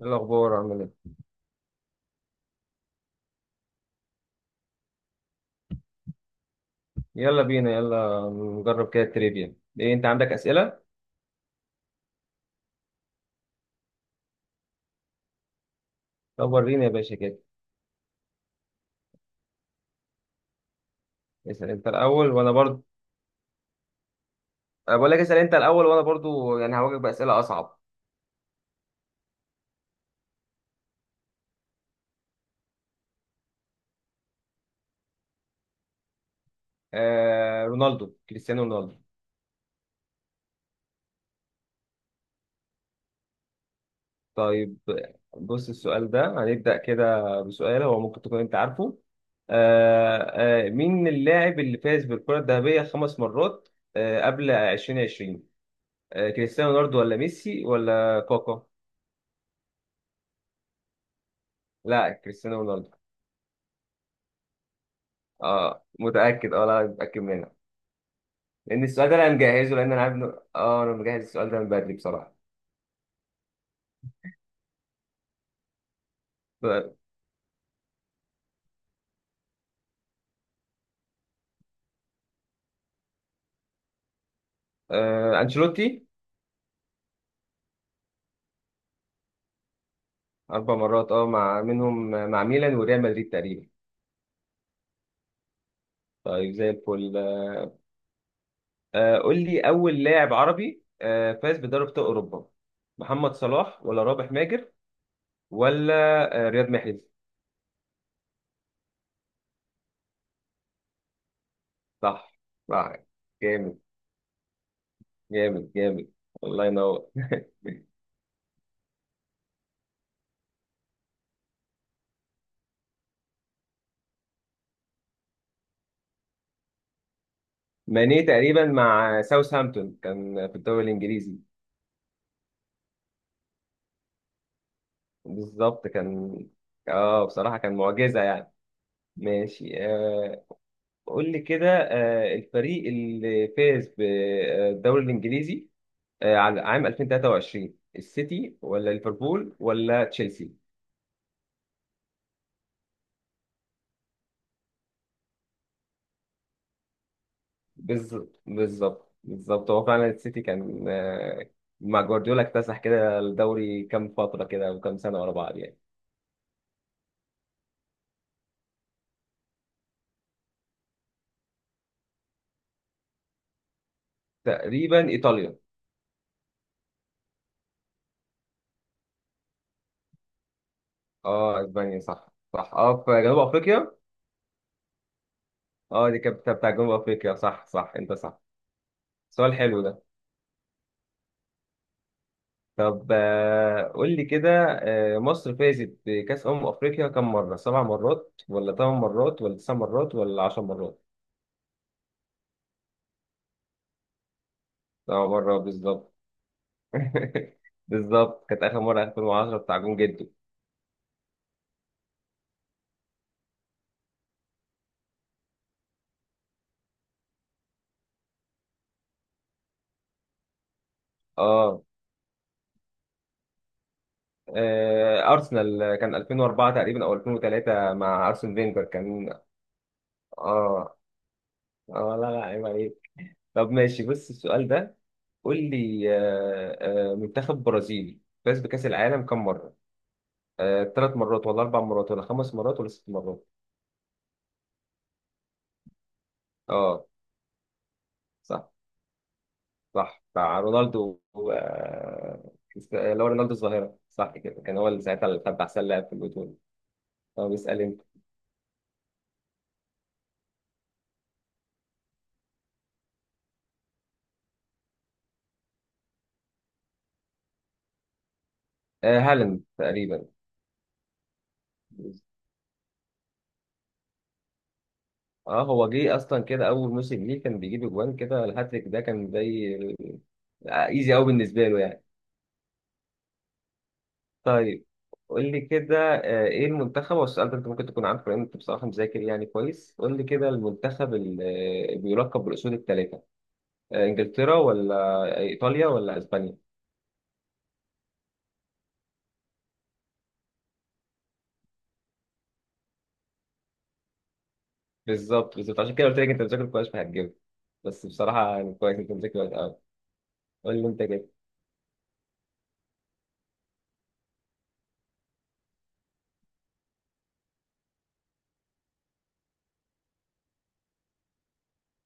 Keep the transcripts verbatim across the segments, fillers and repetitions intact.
إيه الأخبار عامل إيه؟ يلا بينا يلا نجرب كده التريفيا. إيه أنت عندك أسئلة؟ طب وريني يا باشا كده. اسأل أنت الأول وأنا برضو. أنا بقول لك اسأل أنت الأول وأنا برضو يعني هواجهك بأسئلة أصعب. آه رونالدو، كريستيانو رونالدو. طيب، بص السؤال ده، هنبدأ كده بسؤال هو ممكن تكون أنت عارفه. آه آه مين اللاعب اللي فاز بالكرة الذهبية خمس مرات آه قبل ألفين وعشرين؟ آه كريستيانو رونالدو ولا ميسي ولا كاكا؟ لا، كريستيانو رونالدو. اه متأكد، اه لا متأكد منها. لأن السؤال ده أنا مجهزه، لأن أنا عارف إنه اه أنا مجهز السؤال ده من بدري بصراحة. طيب. آه أنشيلوتي. أربع مرات، اه، مع منهم مع ميلان وريال مدريد تقريبا. طيب زي الفل. آه قول لي أول لاعب عربي آه فاز بدوري أبطال أوروبا، محمد صلاح ولا رابح ماجر ولا آه رياض محرز. صح. صح. جامد، جامد جامد. الله ينور. ماني تقريبا مع ساوثهامبتون كان في الدوري الإنجليزي. بالظبط كان. اه بصراحة كان معجزة يعني. ماشي. آه قول لي كده، آه الفريق اللي فاز بالدوري الإنجليزي آه على عام ألفين وثلاثة وعشرين، السيتي ولا ليفربول ولا تشيلسي؟ بالظبط بالظبط بالظبط، هو فعلا السيتي كان، آه مع جوارديولا اكتسح كده الدوري كام فترة كده وكام سنة ورا بعض يعني. تقريبا إيطاليا. اه اسبانيا صح. صح، اه في جنوب افريقيا. اه دي كانت بتاع بتاع جنوب افريقيا. صح صح، انت صح. سؤال حلو ده. طب آه، قول لي كده، آه، مصر فازت بكأس أمم أفريقيا كم مرة؟ سبع مرات ولا ثمان مرات ولا تسع مرات ولا عشر مرات؟ سبع مرات بالظبط. بالظبط، كانت آخر مرة ألفين وعشرة بتاع جون جدو. اه. آه، أرسنال كان ألفين وأربعة تقريبا أو ألفين وثلاثة مع أرسن فينجر كان. اه. اه لا لا عيب عليك. طب ماشي، بص السؤال ده. قول لي آه، آه، منتخب برازيل فاز بكأس العالم كم مرة؟ آه، ثلاث مرات ولا اربع مرات ولا خمس مرات ولا ست مرات؟ اه صح. صح بتاع رونالدو و- آه، كريست- آه، اللي هو رونالدو الظاهره، صح كده كان هو اللي ساعتها اللي خد احسن لاعب في البطوله. اه بيسال انت. آه هالاند تقريبا. اه هو جه اصلا كده اول موسم ليه كان بيجيب اجوان كده، الهاتريك ده كان زي ايزي قوي بالنسبه له يعني. طيب، قول لي كده آه، ايه المنتخب، هو السؤال ده انت ممكن تكون عارفه لان انت بصراحه مذاكر يعني كويس. قول لي كده المنتخب اللي آه، بيلقب بالاسود الثلاثه، انجلترا ولا ايطاليا ولا اسبانيا؟ بالظبط بالظبط، عشان كده قلت لك انت بتذاكر كويس فهتجيبها. بس بصراحه يعني كويس، انت مذاكر كويس قوي. قول لي انت كده.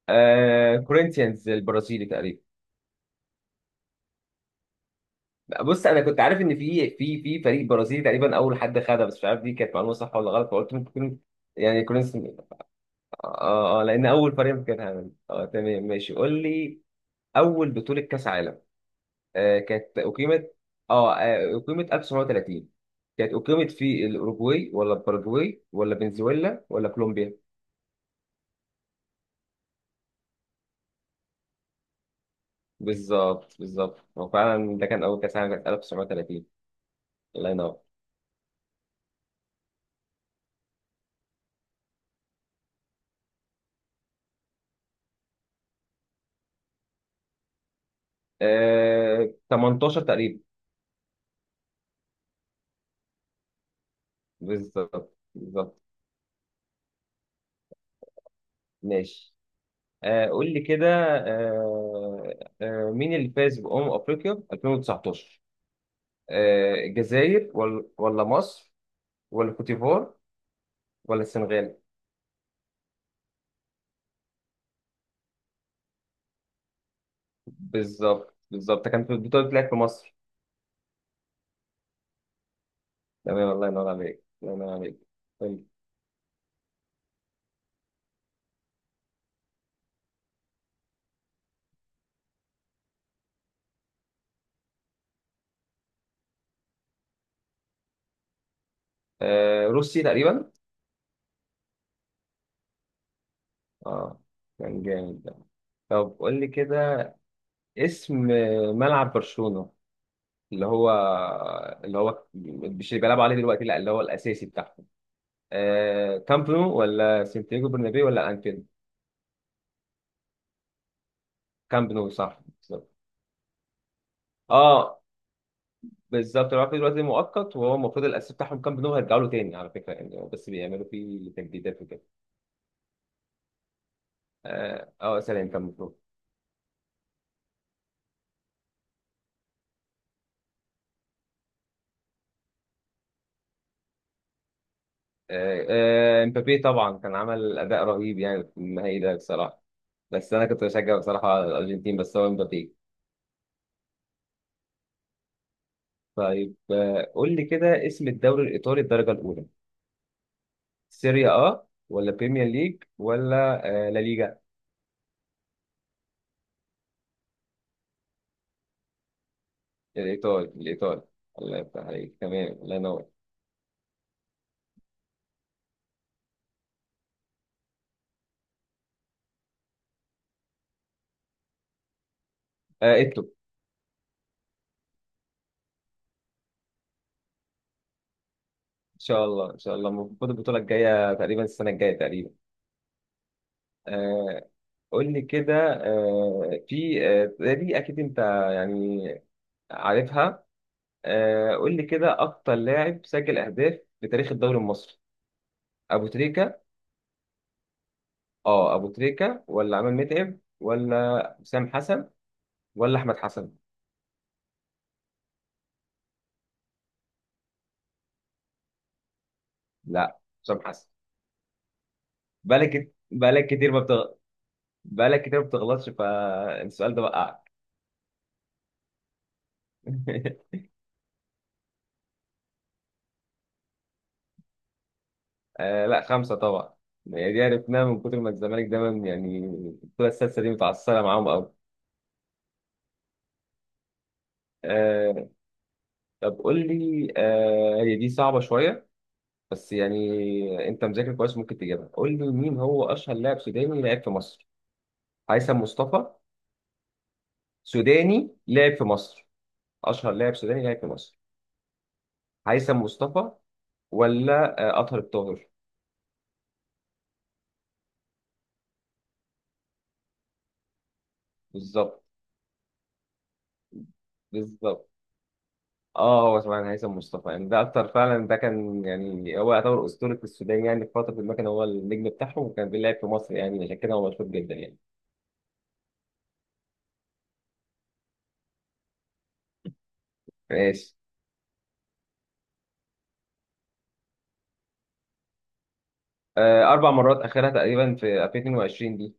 آه كورينثيانز البرازيلي تقريبا. بص انا كنت عارف ان في في في فريق برازيلي تقريبا اول حد خدها، بس مش عارف دي كانت معلومه صح ولا غلط فقلت ممكن تكون يعني كورينثيانز. اه اه لان اول فريق ممكن، كان هعمل اه، تمام ماشي قول لي. اول بطوله كاس عالم آه، كانت أقيمت، اه آه، أقيمت ألف وتسعمية وثلاثين، كانت أقيمت في الأوروغواي ولا الباراجواي ولا فنزويلا ولا كولومبيا؟ بالظبط بالظبط، هو فعلا ده كان أول كأس عالم، كانت ألف وتسعمية وثلاثين. الله ينور. آه تمنتاشر تقريبا. بالظبط بالظبط. ماشي. آه قول لي كده، آه آه مين اللي فاز بأمم أفريقيا ألفين وتسعتاشر؟ آه الجزائر ولا ولا مصر ولا كوتيفوار ولا السنغال؟ بالظبط بالظبط، كانت البطولة بتلعب في مصر. تمام، الله ينور عليك، الله ينور عليك. طيب. آه روسي تقريبا. اه كان جامد ده. طب قول لي كده، اسم ملعب برشلونة، اللي هو، اللي هو مش اللي بيلعبوا عليه دلوقتي، لا اللي هو الأساسي بتاعهم، آه كامب نو ولا سانتياغو برنابيو ولا أنفيلد؟ كامب نو صح بالظبط. اه بالظبط، اللي هو في دلوقتي مؤقت، وهو المفروض الأساسي بتاعهم كامب نو، هيرجعوا له تاني على فكرة يعني، بس بيعملوا فيه تجديدات وكده. اه آه، سلام كان مطلوب. آه، آه، امبابي طبعا كان عمل اداء رهيب يعني في النهائي ده بصراحه، بس انا كنت بشجع بصراحه على الارجنتين، بس هو امبابي. طيب آه، قول لي كده، اسم الدوري الايطالي الدرجه الاولى، سيريا اه ولا بريمير ليج ولا آه، لا ليجا؟ الايطالي، الايطالي. الله يفتح عليك، تمام، الله ينور. آه، اتو. ان شاء الله، ان شاء الله، المفروض البطوله الجايه تقريبا، السنه الجايه تقريبا. آه، قول لي كده آه، في آه، دي اكيد انت يعني عارفها. آه، قول لي كده، اكتر لاعب سجل اهداف في تاريخ الدوري المصري، ابو تريكة اه، ابو تريكة ولا عماد متعب ولا حسام حسن ولا احمد حسن؟ لا، حسام حسن. بقالك كت- بقالك كتير ما بتغ... بقالك كتير ما بتغلطش، فالسؤال ده وقعك. آه لا، خمسة طبعا. هي دي عرفناها من كتر ما الزمالك دايما يعني الكرة السادسة دي متعصبة معاهم قوي. آه. طب قول لي آه، هي دي صعبة شوية بس يعني انت مذاكر كويس ممكن تجيبها. قول لي مين هو اشهر لاعب سوداني لعب في مصر، هيثم مصطفى، سوداني لعب في مصر، اشهر لاعب سوداني لعب في مصر، هيثم مصطفى ولا آه، اطهر الطاهر؟ بالظبط بالظبط. اه هو طبعا هيثم مصطفى يعني ده اكتر، فعلا ده كان يعني هو يعتبر اسطوره السودان يعني، في فتره ما كان هو النجم بتاعهم وكان بيلعب في مصر يعني، عشان كده هو مشهور جدا يعني. ماشي. آه، اربع مرات اخرها تقريبا في ألفين واتنين وعشرين دي.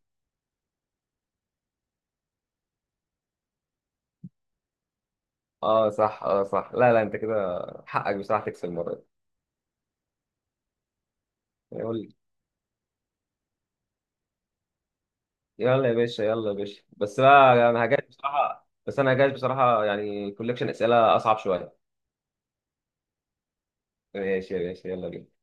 اه صح، اه صح، لا لا انت كده حقك بصراحه تكسب المره دي. يعني قول لي. يلا يا باشا، يلا يا باشا، بس بقى انا هجاش بصراحه، بس انا هجاش بصراحه يعني، كولكشن اسئله اصعب شويه. ماشي يا باشا، يلا بينا.